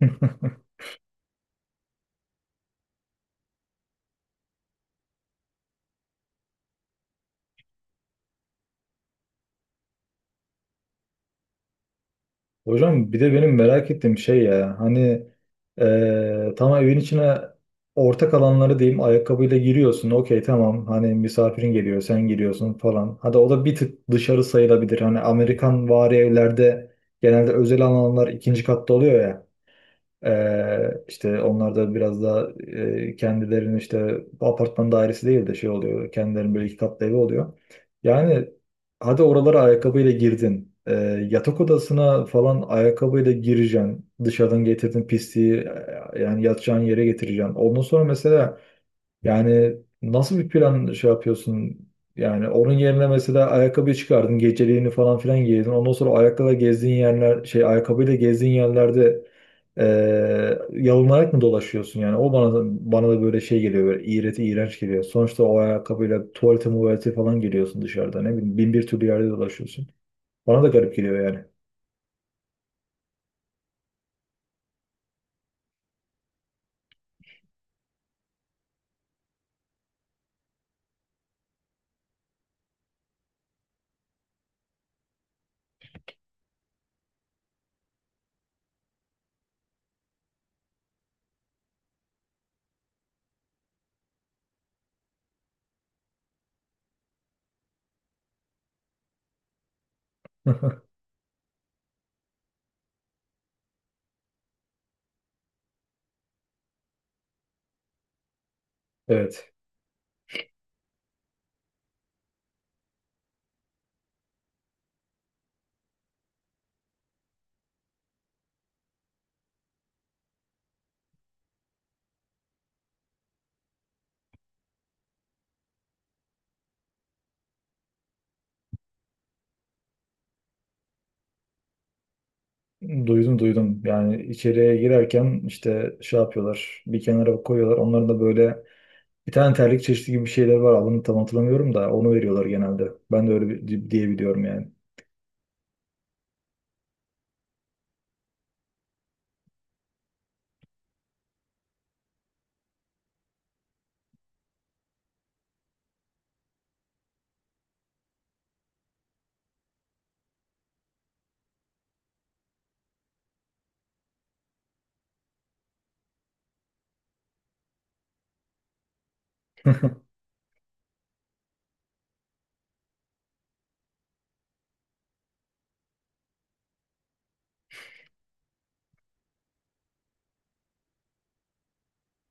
Hocam bir de benim merak ettiğim şey ya hani tamam evin içine ortak alanları diyeyim ayakkabıyla giriyorsun, okey, tamam, hani misafirin geliyor, sen giriyorsun falan. Hadi o da bir tık dışarı sayılabilir. Hani Amerikan vari evlerde genelde özel alanlar ikinci katta oluyor ya. İşte onlar da biraz daha kendilerinin işte apartman dairesi değil de şey oluyor. Kendilerinin böyle iki katlı evi oluyor. Yani hadi oralara ayakkabıyla girdin. Yatak odasına falan ayakkabıyla gireceksin. Dışarıdan getirdin pisliği, yani yatacağın yere getireceksin. Ondan sonra mesela, yani, nasıl bir plan şey yapıyorsun? Yani onun yerine mesela ayakkabı çıkardın, geceliğini falan filan giydin. Ondan sonra ayakkabıyla gezdiğin yerler, şey ayakkabıyla gezdiğin yerlerde yalınarak mı dolaşıyorsun? Yani o bana da böyle şey geliyor, böyle iğreti, iğrenç geliyor. Sonuçta o ayakkabıyla tuvalete muvalete falan geliyorsun dışarıda. Ne bileyim bin bir türlü yerde dolaşıyorsun. Bana da garip geliyor yani. Evet. Duydum, duydum. Yani içeriye girerken işte şey yapıyorlar. Bir kenara koyuyorlar. Onların da böyle bir tane terlik çeşidi gibi bir şeyler var. Adını tam hatırlamıyorum da onu veriyorlar genelde. Ben de öyle bir- diye biliyorum yani.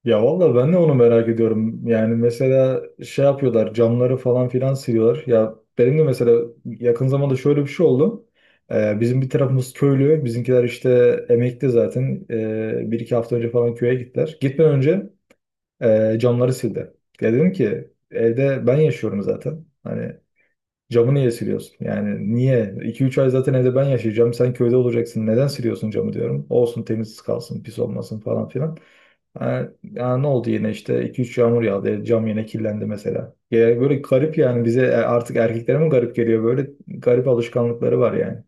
Ya vallahi ben de onu merak ediyorum. Yani mesela şey yapıyorlar, camları falan filan siliyorlar. Ya benim de mesela yakın zamanda şöyle bir şey oldu. Bizim bir tarafımız köylü. Bizimkiler işte emekli zaten. Bir iki hafta önce falan köye gittiler. Gitmeden önce camları sildi. Ya dedim ki, evde ben yaşıyorum zaten. Hani camı niye siliyorsun? Yani niye? 2 üç ay zaten evde ben yaşayacağım. Sen köyde olacaksın. Neden siliyorsun camı diyorum. Olsun, temiz kalsın, pis olmasın falan filan. Yani ne oldu, yine işte 2 üç yağmur yağdı. Cam yine kirlendi mesela. Ya böyle garip yani, bize artık erkeklere mi garip geliyor? Böyle garip alışkanlıkları var yani.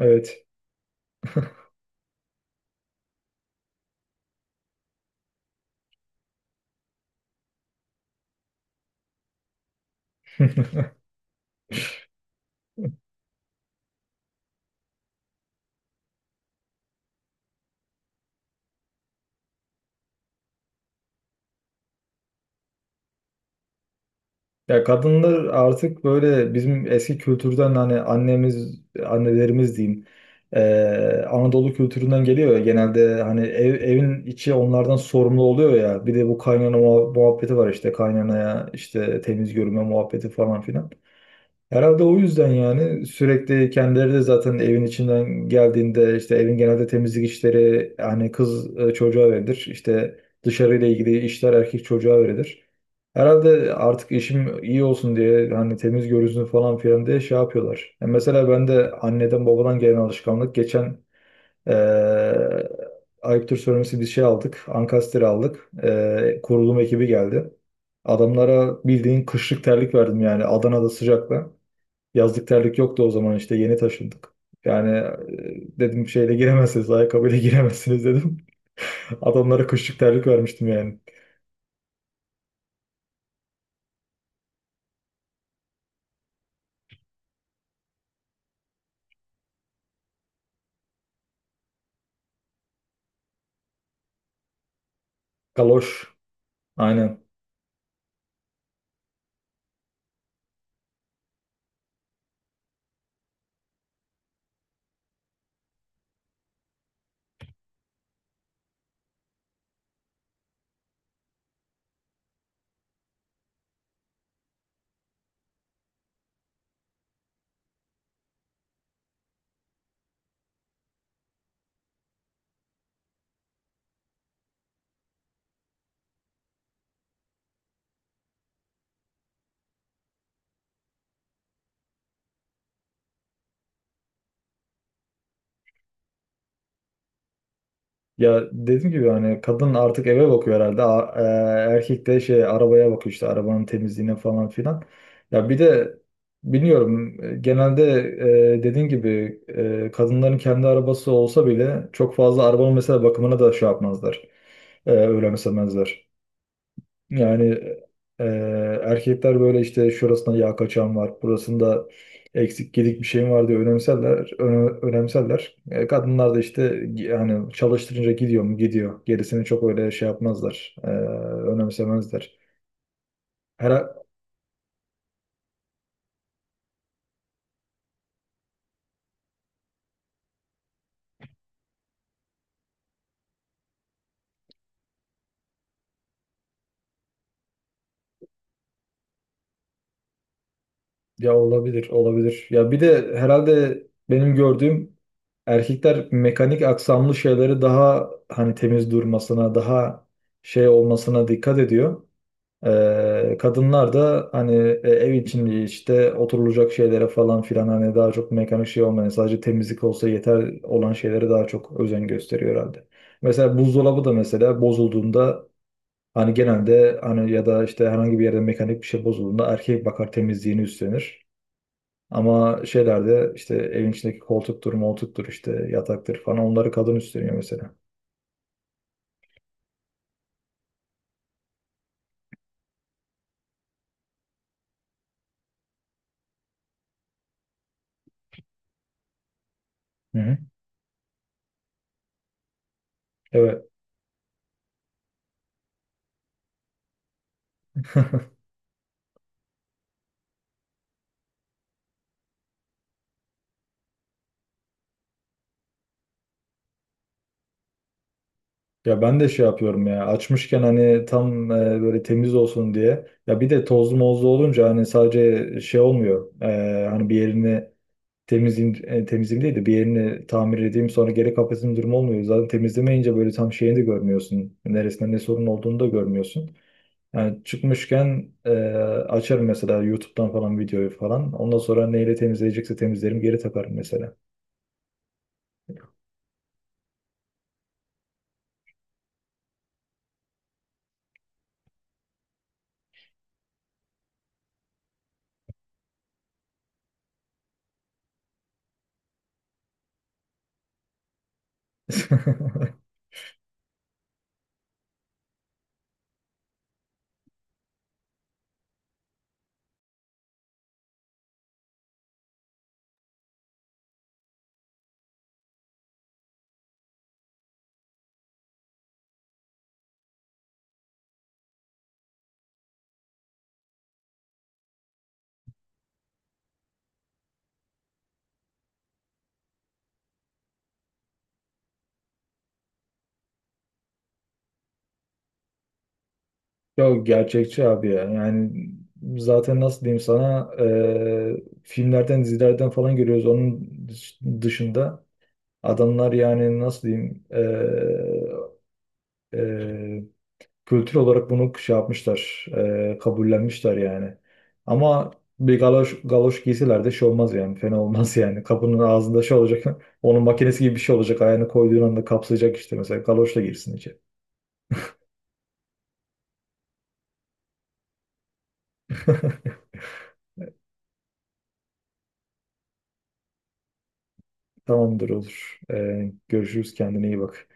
Evet. Ya kadınlar artık böyle bizim eski kültürden, hani annemiz, annelerimiz diyeyim. Anadolu kültüründen geliyor ya genelde. Hani ev, evin içi onlardan sorumlu oluyor ya. Bir de bu kaynana muhabbeti var, işte kaynanaya işte temiz görünme muhabbeti falan filan. Herhalde o yüzden yani sürekli kendileri de zaten evin içinden geldiğinde işte evin genelde temizlik işleri hani kız çocuğa verilir. İşte dışarıyla ilgili işler erkek çocuğa verilir. Herhalde artık işim iyi olsun diye, hani temiz görünsün falan filan diye şey yapıyorlar. Mesela ben de anneden babadan gelen alışkanlık, geçen e, ayıptır söylemesi bir şey aldık. Ankastre aldık. Kurulum ekibi geldi. Adamlara bildiğin kışlık terlik verdim yani, Adana'da sıcakta. Yazlık terlik yoktu, o zaman işte yeni taşındık. Yani dedim şeyle giremezsiniz, ayakkabıyla giremezsiniz dedim. Adamlara kışlık terlik vermiştim yani. Kaloş. Aynen. Ya dediğim gibi, hani kadın artık eve bakıyor herhalde. Erkek de şey arabaya bakıyor, işte arabanın temizliğine falan filan. Ya bir de bilmiyorum, genelde, dediğin gibi, kadınların kendi arabası olsa bile çok fazla arabanın mesela bakımına da şey yapmazlar. Önemsemezler. Yani e, erkekler böyle işte şurasında yağ kaçağım var, burasında eksik gedik bir şeyim var diye önemserler, önemserler. Kadınlar da işte yani çalıştırınca gidiyor mu, gidiyor. Gerisini çok öyle şey yapmazlar, önemsemezler. Her Ya olabilir, olabilir. Ya bir de herhalde benim gördüğüm erkekler mekanik aksamlı şeyleri daha, hani temiz durmasına, daha şey olmasına dikkat ediyor. Kadınlar da hani ev içinde işte oturulacak şeylere falan filan hani daha çok mekanik şey olmayan sadece temizlik olsa yeter olan şeylere daha çok özen gösteriyor herhalde. Mesela buzdolabı da mesela bozulduğunda hani genelde, hani ya da işte herhangi bir yerde mekanik bir şey bozulduğunda erkek bakar, temizliğini üstlenir. Ama şeylerde işte evin içindeki koltuktur, moltuktur, işte yataktır falan, onları kadın üstleniyor mesela. Hı hı. Evet. Ya ben de şey yapıyorum ya, açmışken hani tam böyle temiz olsun diye. Ya bir de tozlu mozlu olunca hani sadece şey olmuyor. Hani bir yerini temizleyeyim, temizleyeyim değil de bir yerini tamir edeyim sonra geri kapatayım durumu olmuyor. Zaten temizlemeyince böyle tam şeyini de görmüyorsun. Neresinde ne sorun olduğunu da görmüyorsun. Yani çıkmışken, açarım mesela YouTube'dan falan videoyu falan. Ondan sonra neyle temizleyecekse temizlerim, geri takarım mesela. Yok, gerçekçi abi ya. Yani zaten nasıl diyeyim sana, filmlerden dizilerden falan görüyoruz. Onun dışında adamlar yani nasıl diyeyim, e, kültür olarak bunu şey yapmışlar, kabullenmişler yani. Ama bir galoş giysiler de şey olmaz yani, fena olmaz yani. Kapının ağzında şey olacak, onun makinesi gibi bir şey olacak, ayağını koyduğun anda kapsayacak işte mesela galoşla girsin içeri. Tamamdır, olur. Görüşürüz, kendine iyi bak.